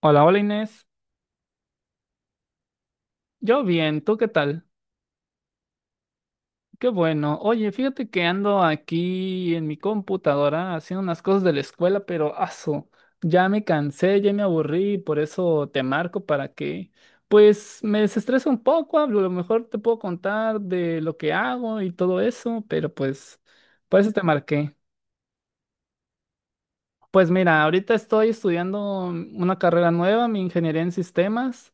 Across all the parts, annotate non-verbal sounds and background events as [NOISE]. Hola, hola Inés. Yo bien, ¿tú qué tal? Qué bueno. Oye, fíjate que ando aquí en mi computadora haciendo unas cosas de la escuela, pero aso, ya me cansé, ya me aburrí, por eso te marco para que, pues, me desestrese un poco, a lo mejor te puedo contar de lo que hago y todo eso, pero pues, por eso te marqué. Pues mira, ahorita estoy estudiando una carrera nueva, mi ingeniería en sistemas.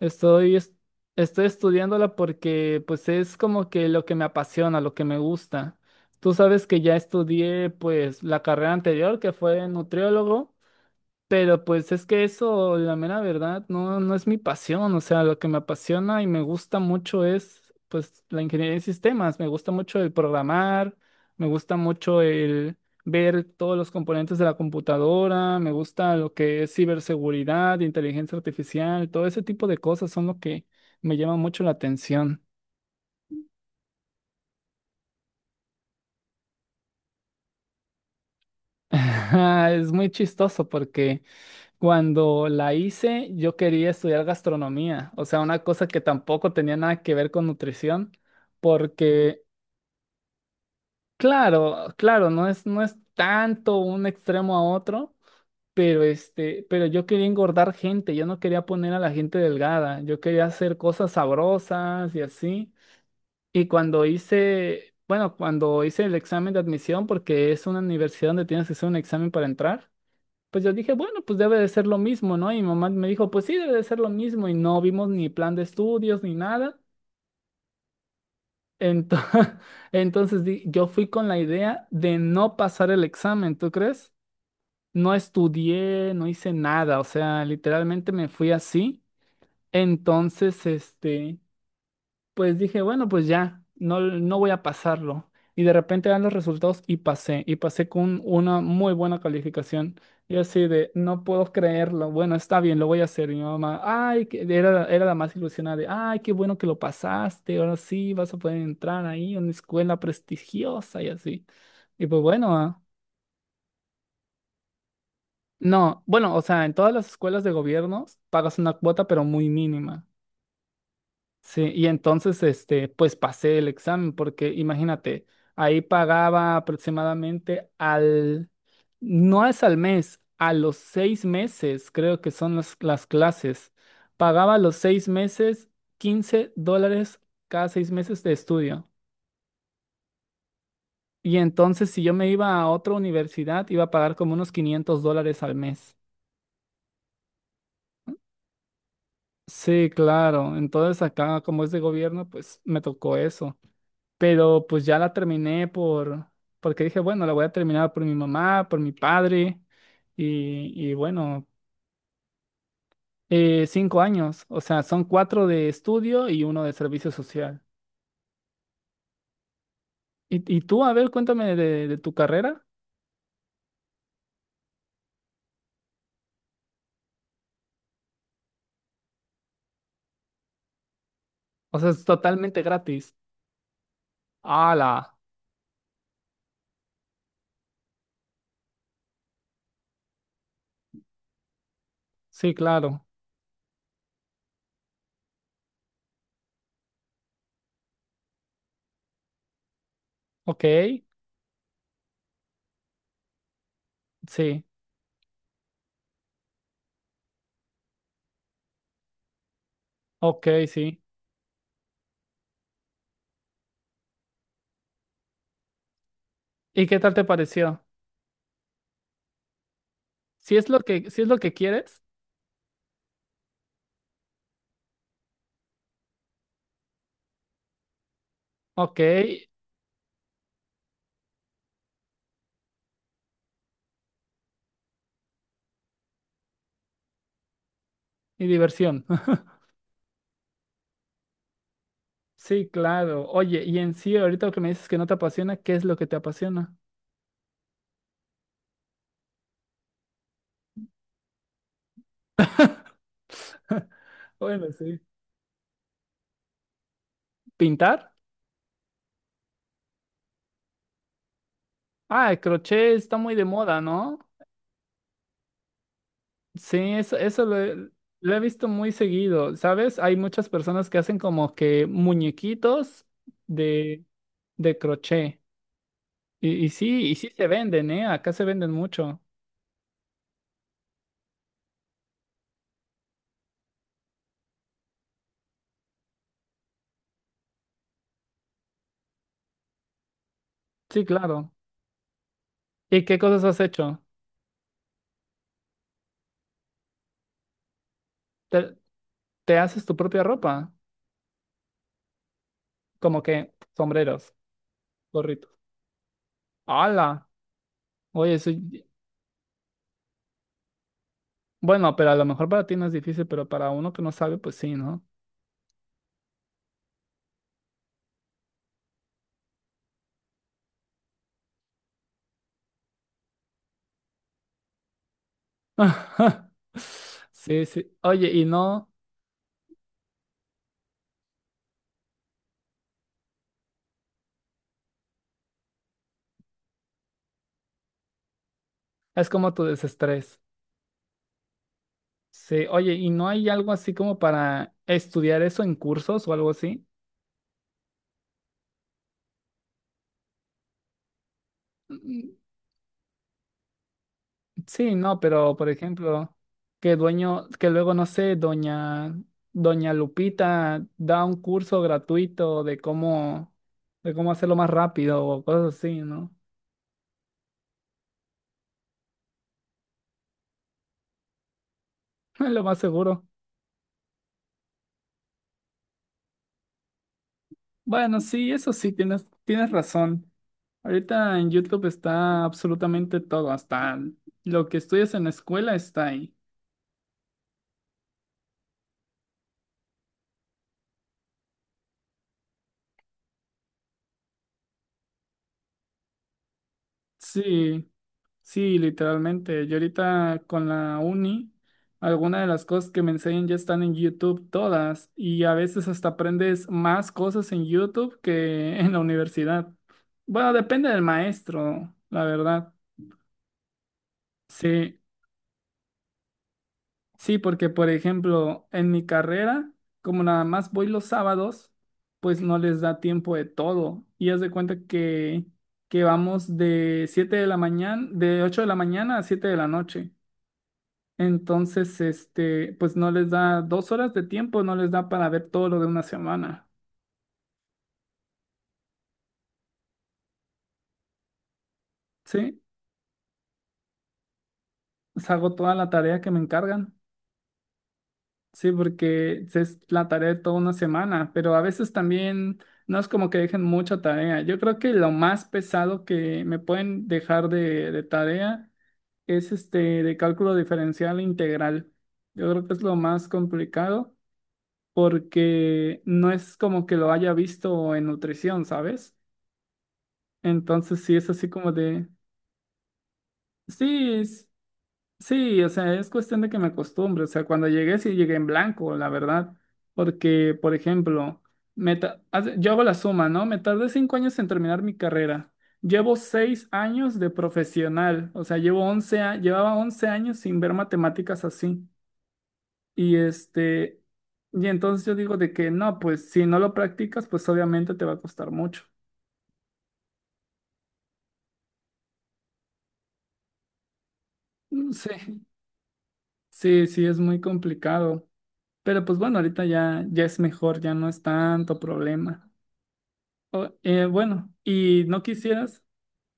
Estoy, es- estoy estudiándola porque pues es como que lo que me apasiona, lo que me gusta. Tú sabes que ya estudié pues la carrera anterior que fue nutriólogo. Pero pues es que eso, la mera verdad, no, no es mi pasión. O sea, lo que me apasiona y me gusta mucho es pues la ingeniería en sistemas. Me gusta mucho el programar, me gusta mucho el ver todos los componentes de la computadora, me gusta lo que es ciberseguridad, inteligencia artificial, todo ese tipo de cosas son lo que me llama mucho la atención. [LAUGHS] Es muy chistoso porque cuando la hice, yo quería estudiar gastronomía, o sea, una cosa que tampoco tenía nada que ver con nutrición, porque, claro, claro, no es tanto un extremo a otro, pero yo quería engordar gente, yo no quería poner a la gente delgada, yo quería hacer cosas sabrosas y así. Y cuando hice, bueno, cuando hice el examen de admisión, porque es una universidad donde tienes que hacer un examen para entrar. Pues yo dije, bueno, pues debe de ser lo mismo, ¿no? Y mi mamá me dijo, pues sí, debe de ser lo mismo. Y no vimos ni plan de estudios ni nada. Ento- [LAUGHS] Entonces, yo fui con la idea de no pasar el examen, ¿tú crees? No estudié, no hice nada, o sea, literalmente me fui así. Entonces, pues dije, bueno, pues ya, no, no voy a pasarlo. Y de repente dan los resultados y pasé con una muy buena calificación. Y así de, no puedo creerlo, bueno, está bien, lo voy a hacer. Y mi mamá, ay, era la más ilusionada de, ay, qué bueno que lo pasaste, ahora sí vas a poder entrar ahí, una escuela prestigiosa y así. Y pues bueno, ah, no, bueno, o sea, en todas las escuelas de gobierno pagas una cuota, pero muy mínima. Sí, y entonces, este, pues pasé el examen, porque imagínate, ahí pagaba aproximadamente al, no es al mes, a los 6 meses, creo que son las clases. Pagaba a los 6 meses $15 cada 6 meses de estudio. Y entonces, si yo me iba a otra universidad, iba a pagar como unos $500 al mes. Sí, claro. Entonces, acá, como es de gobierno, pues me tocó eso. Pero pues ya la terminé por, porque dije, bueno, la voy a terminar por mi mamá, por mi padre, y bueno, 5 años, o sea, son cuatro de estudio y uno de servicio social. Y tú, a ver, cuéntame de tu carrera? O sea, es totalmente gratis. ¡Hala! Sí, claro. Ok, sí, ok, sí. ¿Y qué tal te pareció? Si es lo que, si es lo que quieres, ok, y diversión. Sí, claro. Oye, y en sí, ahorita que me dices que no te apasiona, ¿qué es lo que te apasiona? Bueno, sí. ¿Pintar? Ah, el crochet está muy de moda, ¿no? Sí, eso, lo he visto muy seguido, ¿sabes? Hay muchas personas que hacen como que muñequitos de, de crochet. Y sí se venden, ¿eh? Acá se venden mucho. Sí, claro. ¿Y qué cosas has hecho? ¿Te, te haces tu propia ropa? Como que sombreros, gorritos. ¡Hala! Oye, eso bueno, pero a lo mejor para ti no es difícil, pero para uno que no sabe, pues sí, ¿no? [LAUGHS] Sí, sí. Oye, y no, es como tu desestrés. Sí, oye, ¿y no hay algo así como para estudiar eso en cursos o algo así? Mm, sí, no, pero por ejemplo, que dueño, que luego, no sé, doña, doña Lupita da un curso gratuito de cómo hacerlo más rápido o cosas así, ¿no? [LAUGHS] Lo más seguro. Bueno, sí, eso sí, tienes razón. Ahorita en YouTube está absolutamente todo, hasta lo que estudias en la escuela está ahí. Sí, sí, literalmente. Yo ahorita con la uni, algunas de las cosas que me enseñan ya están en YouTube todas y a veces hasta aprendes más cosas en YouTube que en la universidad. Bueno, depende del maestro, la verdad. Sí, sí, porque por ejemplo, en mi carrera, como nada más voy los sábados, pues no les da tiempo de todo. Y haz de cuenta que, vamos de 7 de la mañana, de 8 de la mañana a 7 de la noche. Entonces, este, pues no les da 2 horas de tiempo, no les da para ver todo lo de una semana. Sí, pues hago toda la tarea que me encargan. Sí, porque es la tarea de toda una semana, pero a veces también no es como que dejen mucha tarea. Yo creo que lo más pesado que me pueden dejar de tarea es este de cálculo diferencial e integral. Yo creo que es lo más complicado porque no es como que lo haya visto en nutrición, ¿sabes? Entonces sí es así como de, sí, sí, o sea, es cuestión de que me acostumbre. O sea, cuando llegué, sí llegué en blanco, la verdad. Porque, por ejemplo, yo hago la suma, ¿no? Me tardé 5 años en terminar mi carrera. Llevo 6 años de profesional. O sea, llevaba 11 años sin ver matemáticas así. Y este, y entonces yo digo de que no, pues si no lo practicas, pues obviamente te va a costar mucho. Mm, sí, sí, sí, es muy complicado. Pero pues bueno, ahorita ya es mejor, ya no es tanto problema. Bueno, y no quisieras,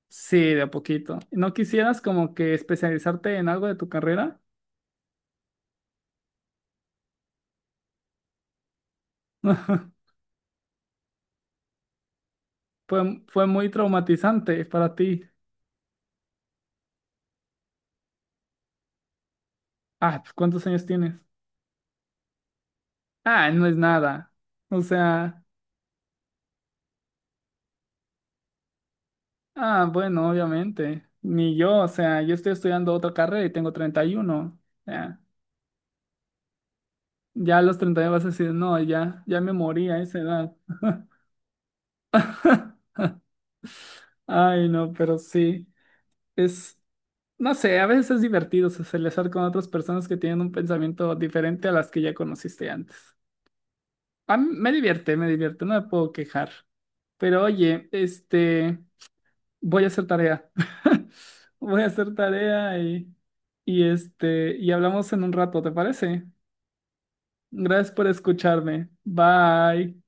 sí, de a poquito, no quisieras como que especializarte en algo de tu carrera. [LAUGHS] Fue muy traumatizante para ti. Ah, pues, ¿cuántos años tienes? Ah, no es nada. O sea, ah, bueno, obviamente. Ni yo, o sea, yo estoy estudiando otra carrera y tengo 31. Ya, ya a los 31 vas a decir, no, ya me morí a esa edad. [LAUGHS] Ay, no, pero sí, es. No sé, a veces es divertido socializar con otras personas que tienen un pensamiento diferente a las que ya conociste antes. A mí me divierte, no me puedo quejar. Pero oye, este, voy a hacer tarea. [LAUGHS] Voy a hacer tarea y este, y hablamos en un rato, ¿te parece? Gracias por escucharme. Bye.